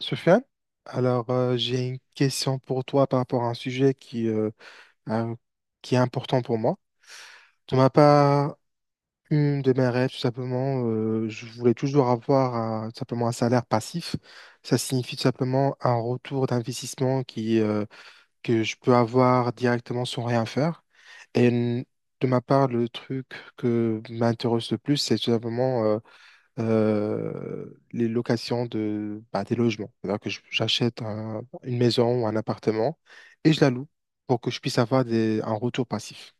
Sofiane, alors j'ai une question pour toi par rapport à un sujet qui, un- qui est important pour moi. De ma part, une de mes rêves, tout simplement, je voulais toujours avoir tout simplement un salaire passif. Ça signifie tout simplement un retour d'investissement que je peux avoir directement sans rien faire. Et n- de ma part, le truc que m'intéresse le plus, c'est tout simplement euh, les locations de, bah, des logements. C'est-à-dire que j'achète une maison ou un appartement et je la loue pour que je puisse avoir des, un retour passif.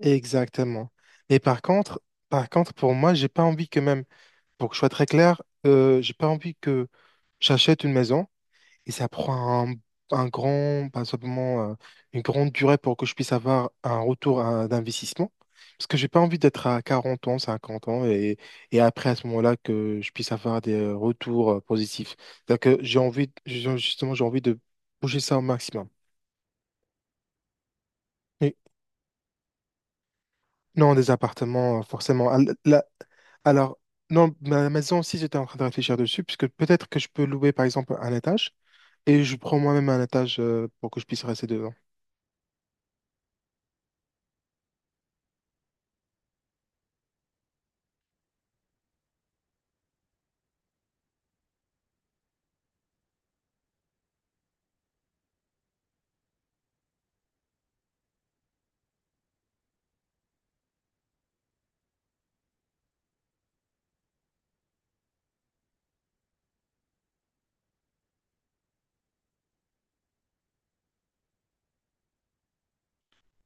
Exactement. Mais par contre, pour moi, j'ai pas envie que même, pour que je sois très clair, j'ai pas envie que j'achète une maison. Et ça prend un grand, pas simplement une grande durée pour que je puisse avoir un retour d'investissement. Parce que j'ai pas envie d'être à 40 ans, 50 ans, et après à ce moment-là que je puisse avoir des retours positifs. C'est que justement, j'ai envie de bouger ça au maximum. Et non, des appartements, forcément. Ah, la- alors, non, ma maison aussi, j'étais en train de réfléchir dessus, puisque peut-être que je peux louer, par exemple, un étage, et je prends moi-même un étage pour que je puisse rester dedans.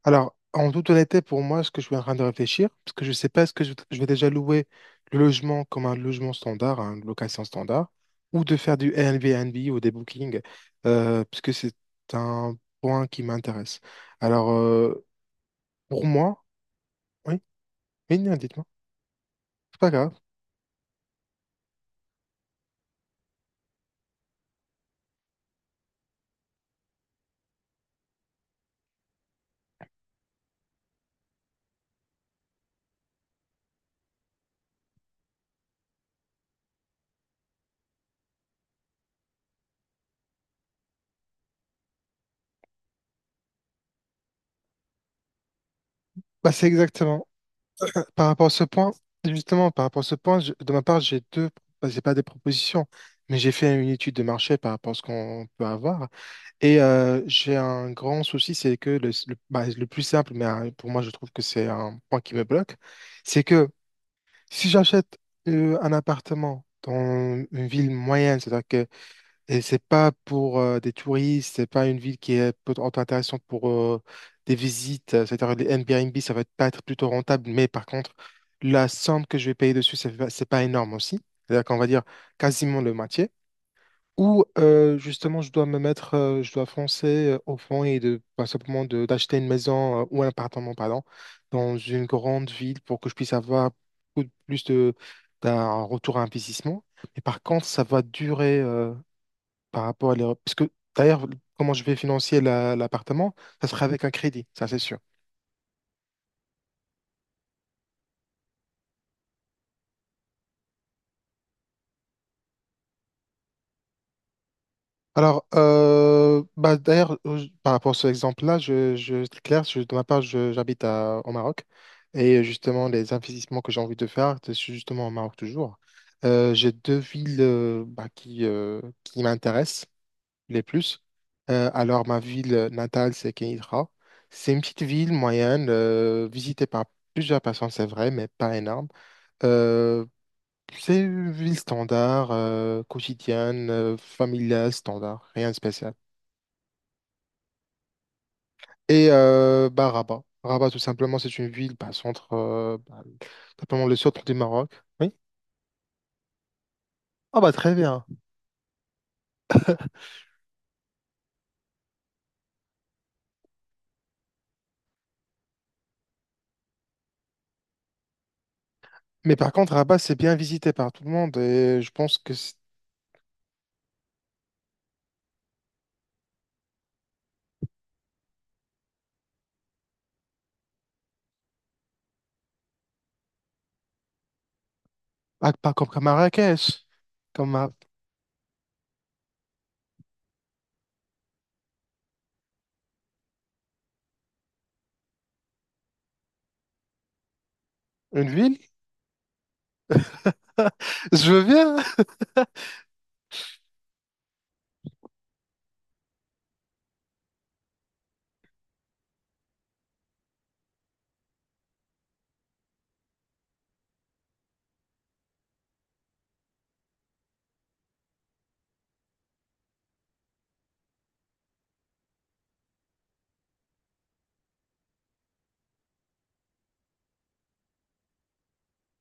Alors, en toute honnêteté, pour moi, ce que je suis en train de réfléchir, parce que je ne sais pas, est-ce que je vais déjà louer le logement comme un logement standard, hein, une location standard, ou de faire du Airbnb ou des bookings, parce que c'est un point qui m'intéresse. Alors, pour moi, oui, oui, non, dites-moi, c'est pas grave. Bah, c'est exactement, par rapport à ce point, justement, par rapport à ce point, de ma part, j'ai deux, bah, c'est pas des propositions, mais j'ai fait une étude de marché par rapport à ce qu'on peut avoir. J'ai un grand souci, c'est que le, bah, le plus simple, mais pour moi je trouve que c'est un point qui me bloque, c'est que si j'achète un appartement dans une ville moyenne, c'est-à-dire que et c'est pas pour des touristes, c'est pas une ville qui est intéressante pour des visites, c'est-à-dire les Airbnb, pas être plutôt rentable, mais par contre, la somme que je vais payer dessus, c'est pas énorme aussi. C'est-à-dire qu'on va dire quasiment le moitié. Ou justement, je dois me mettre, je dois foncer au fond et de, pas simplement de, d'acheter une maison ou un appartement, pardon, dans une grande ville pour que je puisse avoir plus de, d'un retour à investissement. Mais par contre, ça va durer par rapport à l'Europe. Parce que d'ailleurs, comment je vais financer l'appartement, ça sera avec un crédit, ça c'est sûr. Alors, bah, d'ailleurs, par rapport à cet exemple-là, c'est clair, de ma part, j'habite au Maroc. Justement, les investissements que j'ai envie de faire, c'est justement au Maroc toujours. J'ai deux villes bah, qui m'intéressent les plus. Alors, ma ville natale, c'est Kenitra. C'est une petite ville moyenne, visitée par plusieurs personnes, c'est vrai, mais pas énorme. Euh, c'est une ville standard, quotidienne, familiale, standard, rien de spécial. Bah, Rabat. Rabat, tout simplement, c'est une ville, bah, centre, bah, simplement le centre du Maroc. Oui. Ah bah très bien. Mais par contre, Rabat, c'est bien visité par tout le monde et je pense que c'est pas comme Marrakech, comme Mar- une ville. Je veux bien.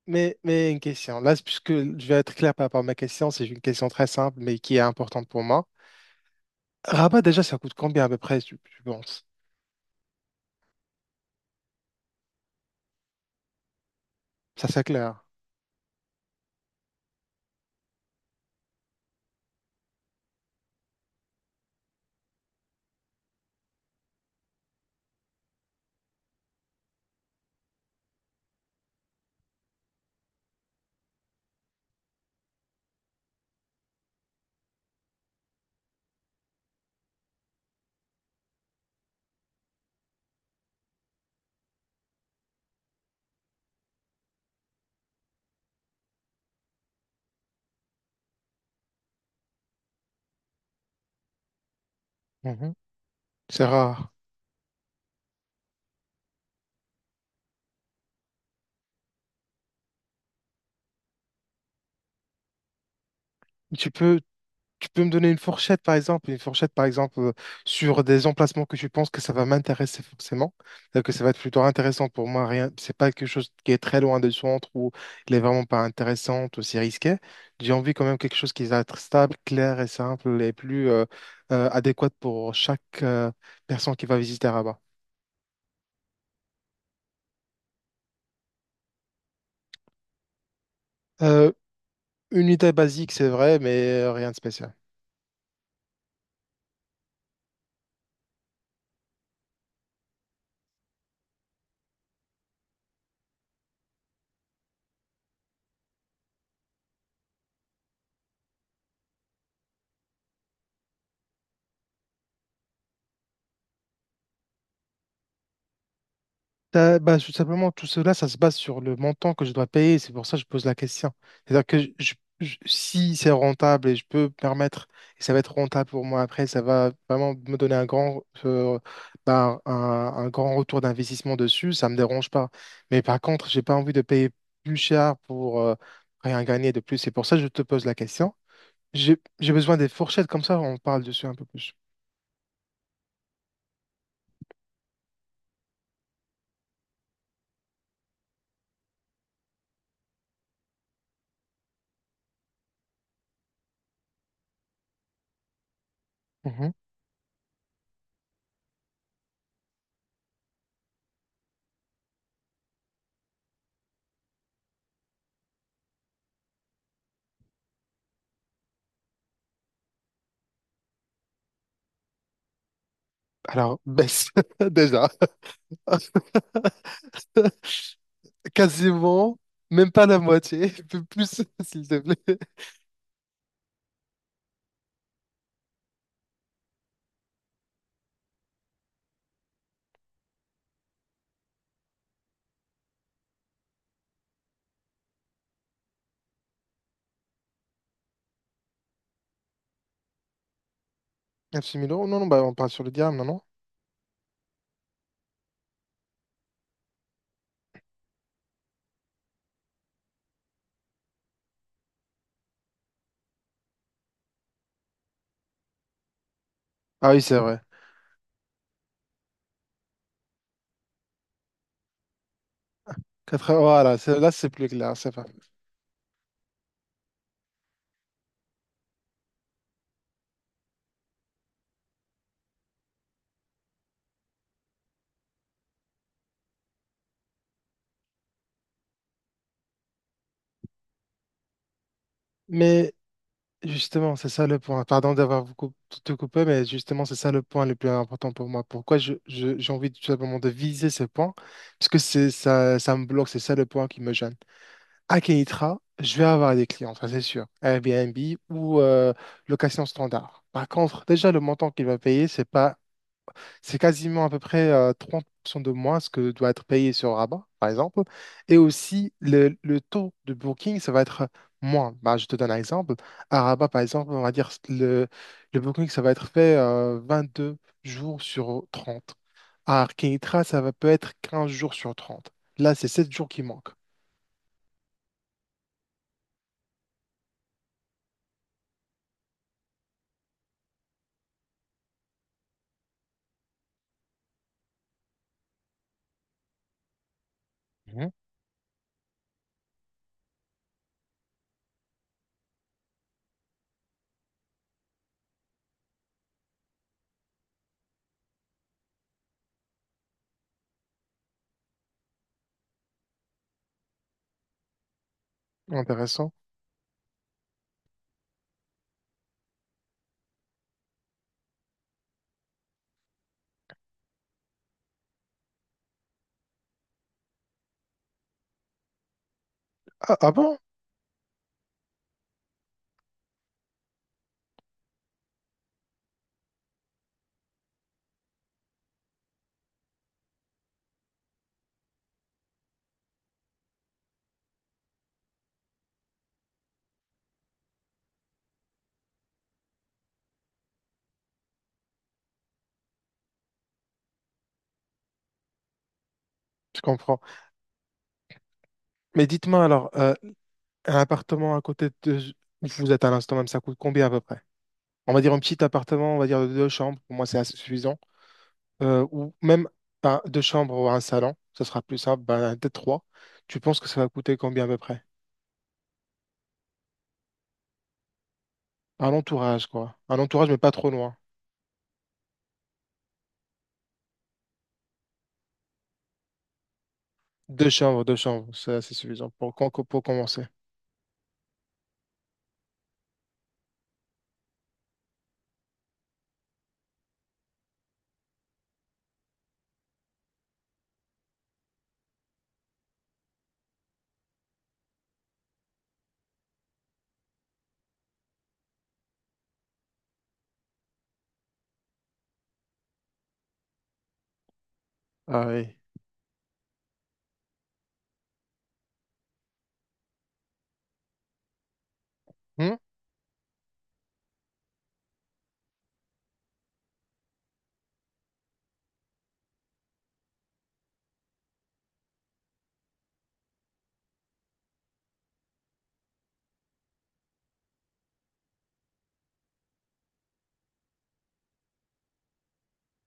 Mais une question, là, puisque je vais être clair par rapport à ma question, c'est une question très simple, mais qui est importante pour moi. Rabat, déjà, ça coûte combien à peu près, tu penses? Ça, c'est clair. Mhm. C'est rare. Tu peux, Tu peux me donner une fourchette, par exemple, une fourchette, par exemple, sur des emplacements que tu penses que ça va m'intéresser forcément, que ça va être plutôt intéressant pour moi. Rien, c'est pas quelque chose qui est très loin du centre ou il est vraiment pas intéressant ou c'est risqué. J'ai envie quand même quelque chose qui va être stable, clair et simple et plus adéquat pour chaque personne qui va visiter Rabat. Euh, Une unité basique, c'est vrai, mais rien de spécial. Bah, tout simplement, tout cela, ça se base sur le montant que je dois payer. C'est pour ça que je pose la question. C'est-à-dire que si c'est rentable et je peux me permettre, et ça va être rentable pour moi après, ça va vraiment me donner un grand, bah, un grand retour d'investissement dessus, ça me dérange pas. Mais par contre, j'ai pas envie de payer plus cher pour rien gagner de plus. C'est pour ça que je te pose la question. J'ai besoin des fourchettes, comme ça on parle dessus un peu plus. Mhm. Alors, baisse, déjà. Quasiment, même pas la moitié, un peu plus, s'il te plaît. 9 000 euros? Non, non, bah, on parle sur le dirham, non, non? Ah oui, c'est vrai. 4. Voilà, là, c'est plus clair, c'est vrai. Mais justement, c'est ça le point. Pardon d'avoir te coupé, mais justement, c'est ça le point le plus important pour moi. Pourquoi j'ai envie tout simplement de viser ce point? Parce que c'est ça, ça me bloque, c'est ça le point qui me gêne. À Kenitra, je vais avoir des clients, ça c'est sûr. Airbnb ou location standard. Par contre, déjà, le montant qu'il va payer, c'est pas c'est quasiment à peu près 30% de moins ce que doit être payé sur Rabat, par exemple. Et aussi, le taux de booking, ça va être moins. Bah, je te donne un exemple. À Rabat, par exemple, on va dire le booking, ça va être fait 22 jours sur 30. À Arkinitra, ça va peut être 15 jours sur 30. Là, c'est 7 jours qui manquent. Mhm. Intéressant. Ah, ah bon? Je comprends. Mais dites-moi alors, un appartement à côté de où vous êtes à l'instant même, ça coûte combien à peu près? On va dire un petit appartement, on va dire de deux chambres, pour moi c'est assez suffisant. Ou même deux chambres ou un salon, ça sera plus simple, ben, peut-être trois. Tu penses que ça va coûter combien à peu près? Un entourage, quoi. Un entourage, mais pas trop loin. Deux chambres, c'est assez suffisant pour, pour commencer. Ah oui. Hmm.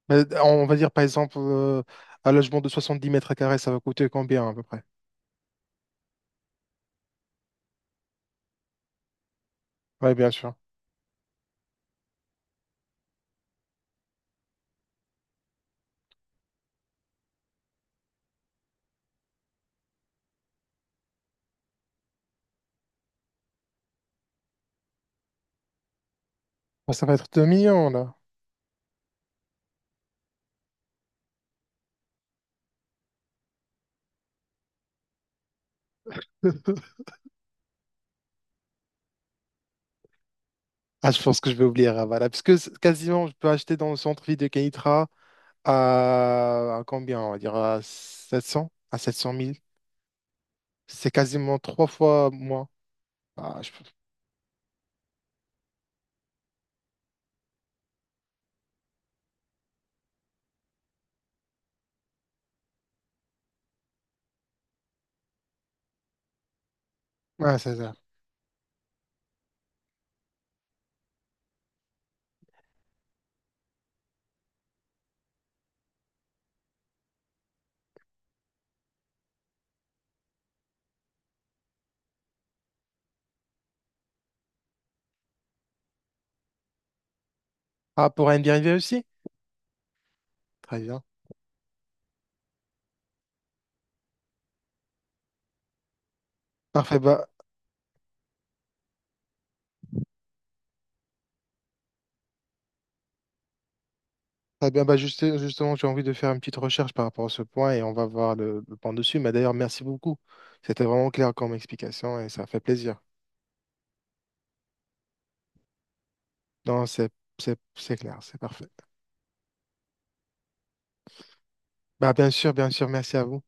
Mais on va dire par exemple un logement de 70 mètres carrés, ça va coûter combien à peu près? Oui, bien sûr. Bon, ça va être 2 millions là. Ah, je pense que je vais oublier Ravala, parce que quasiment je peux acheter dans le centre-ville de Kenitra à combien, on va dire, à 700 à 700 000. C'est quasiment trois fois moins. Ah, je, ouais, c'est ça. Ah, pour un dérivé aussi? Très bien. Parfait, bah, très bien, bah, justement, j'ai envie de faire une petite recherche par rapport à ce point et on va voir le point dessus. Mais d'ailleurs, merci beaucoup. C'était vraiment clair comme explication et ça fait plaisir. Non, c'est clair, c'est parfait. Bah, bien sûr, merci à vous.